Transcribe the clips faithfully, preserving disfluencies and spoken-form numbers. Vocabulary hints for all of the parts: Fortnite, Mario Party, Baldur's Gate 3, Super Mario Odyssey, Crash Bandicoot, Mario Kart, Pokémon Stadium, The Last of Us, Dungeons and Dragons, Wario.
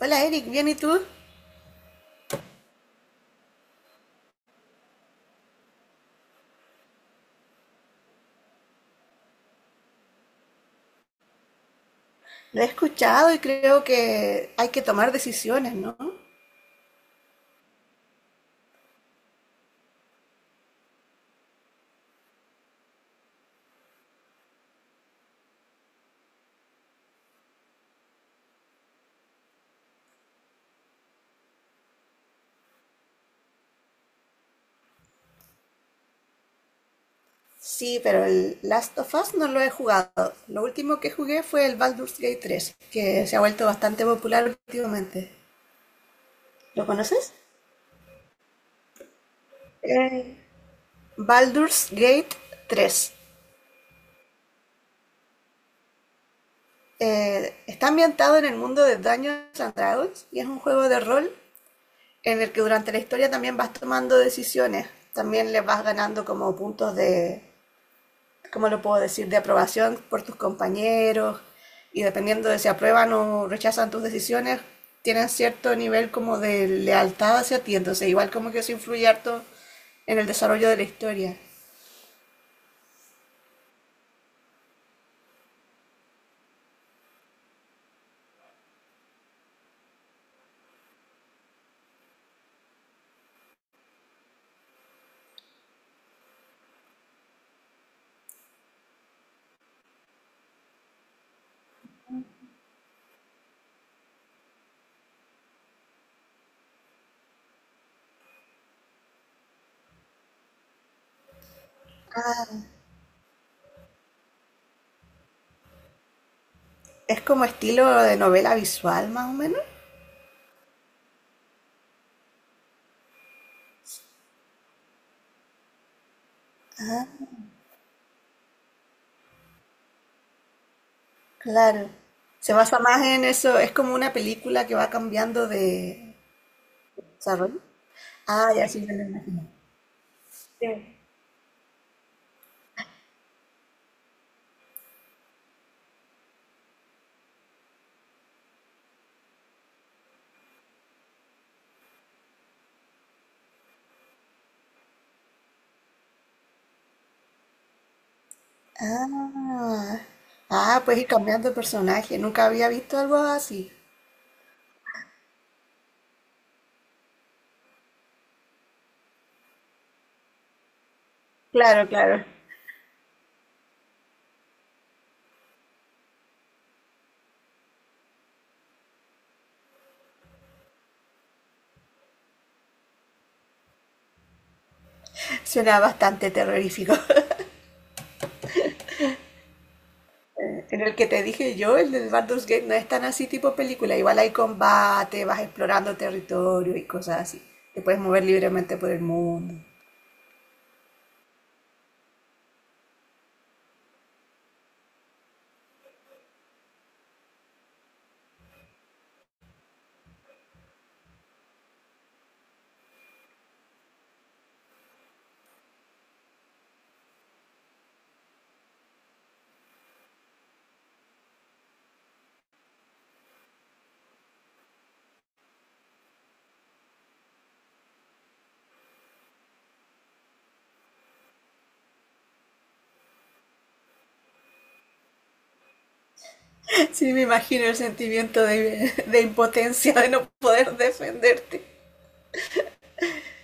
Hola Eric, bien, ¿y tú? Lo he escuchado y creo que hay que tomar decisiones, ¿no? Sí, pero el Last of Us no lo he jugado. Lo último que jugué fue el Baldur's Gate tres, que se ha vuelto bastante popular últimamente. ¿Lo conoces? Eh, Baldur's Gate tres. Eh, está ambientado en el mundo de Dungeons and Dragons y es un juego de rol en el que durante la historia también vas tomando decisiones. También le vas ganando como puntos de, ¿cómo lo puedo decir?, de aprobación por tus compañeros y dependiendo de si aprueban o rechazan tus decisiones, tienen cierto nivel como de lealtad hacia ti. Entonces, igual como que eso influye harto en el desarrollo de la historia. Es como estilo de novela visual, más o menos. Claro. Se basa más en eso. Es como una película que va cambiando de desarrollo. Ah, ya sí me lo imagino. Ah, ah, pues ir cambiando de personaje. Nunca había visto algo así. Claro, claro. Suena bastante terrorífico. En el que te dije yo, el del Baldur's Gate, no es tan así tipo película. Igual hay combate, vas explorando territorio y cosas así. Te puedes mover libremente por el mundo. Sí, me imagino el sentimiento de, de impotencia, de no poder defenderte.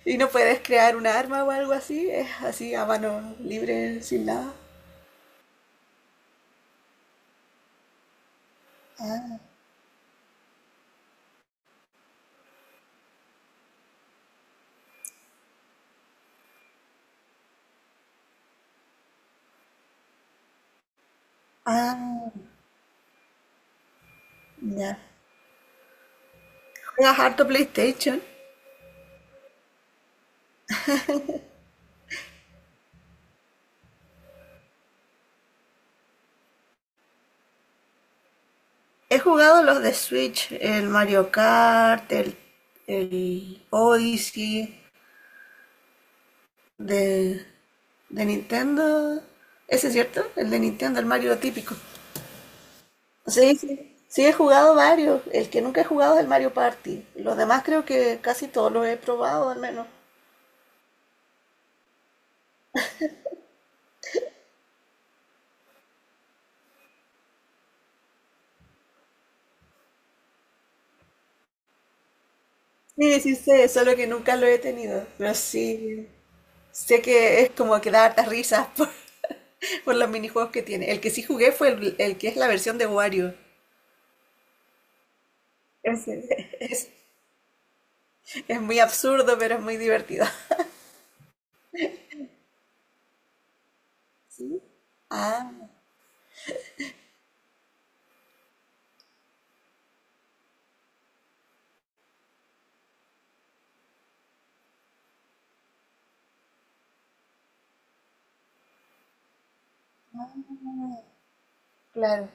Y no puedes crear un arma o algo así, es así a mano libre, sin nada. Ah, ah, ya. ¿Juegas harto PlayStation? He jugado los de Switch, el Mario Kart, el, el Odyssey de, de Nintendo. ¿Ese es cierto? El de Nintendo, el Mario típico. Sí, sí, sí, he jugado varios. El que nunca he jugado es el Mario Party. Los demás creo que casi todos los he probado, al menos. Sí, sí sé, solo que nunca lo he tenido. Pero sí, sé que es como que da hartas risas por, por los minijuegos que tiene. El que sí jugué fue el, el que es la versión de Wario. Ese, es muy absurdo, pero es muy divertido. Ah, claro.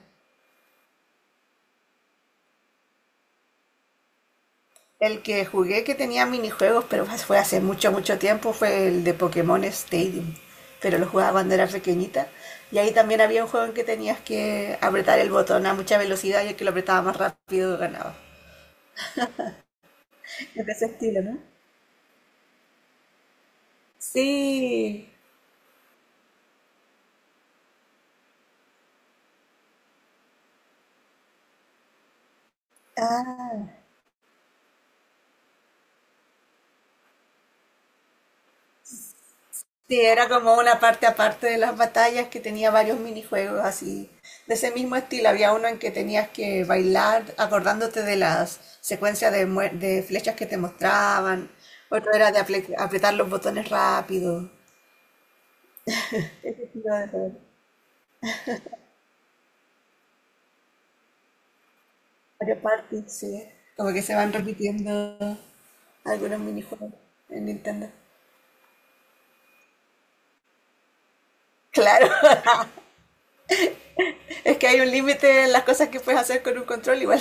El que jugué que tenía minijuegos, pero fue hace mucho, mucho tiempo, fue el de Pokémon Stadium. Pero lo jugaba cuando era pequeñita. Y ahí también había un juego en que tenías que apretar el botón a mucha velocidad y el que lo apretaba más rápido ganaba. Es de ese estilo, ¿no? Sí. Ah, sí, era como una parte aparte de las batallas que tenía varios minijuegos así, de ese mismo estilo. Había uno en que tenías que bailar acordándote de las secuencias de, mue- de flechas que te mostraban. Otro era de aple- apretar los botones rápido. Ese estilo de juego. Mario Party, sí. Como que se van repitiendo algunos minijuegos en Nintendo. Claro, es que hay un límite en las cosas que puedes hacer con un control igual.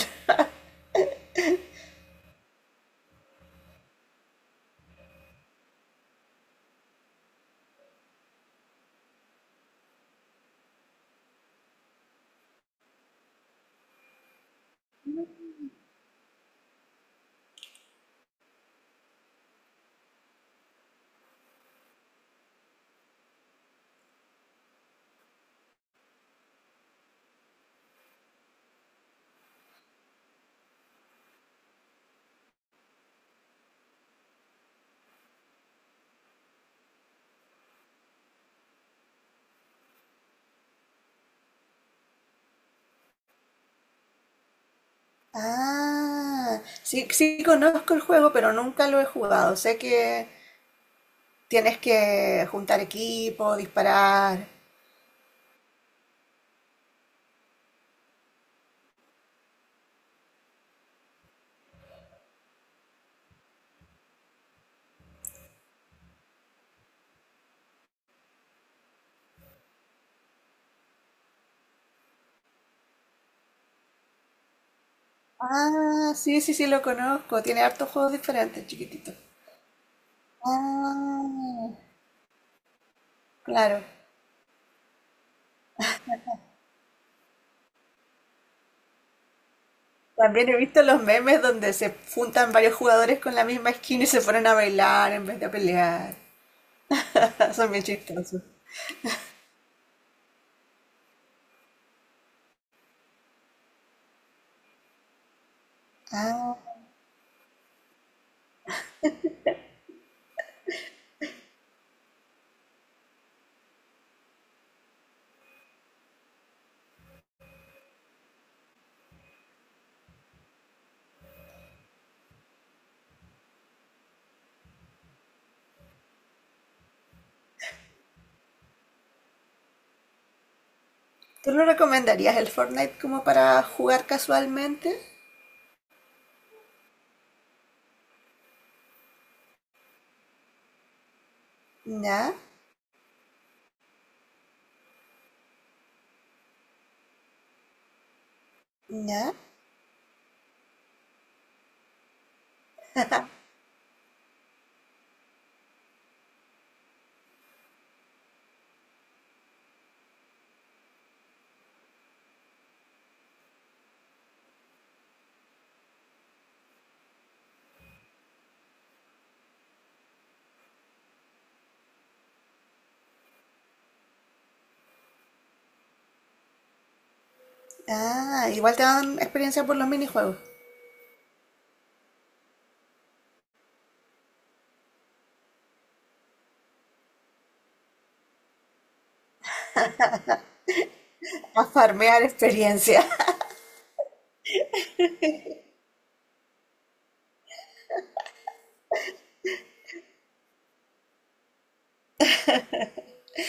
Ah, sí, sí conozco el juego, pero nunca lo he jugado. Sé que tienes que juntar equipo, disparar. Ah, sí, sí, sí, lo conozco. Tiene hartos juegos diferentes, chiquitito. Ah, claro. También he visto los memes donde se juntan varios jugadores con la misma skin y se ponen a bailar en vez de a pelear. Son bien chistosos. Ah, ¿tú lo recomendarías el Fortnite como para jugar casualmente? No, no. Ah, igual te dan experiencia por los minijuegos. A farmear experiencia.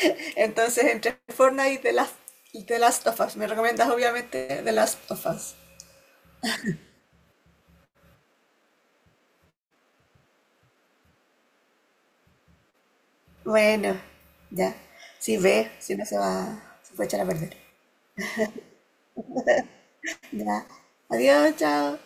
Entonces, entre Fortnite y The Last, y The Last of Us. Me recomiendas obviamente The Last of Us. Bueno, ya. Si ve, si no se va, se puede echar a perder. Ya. Adiós, chao.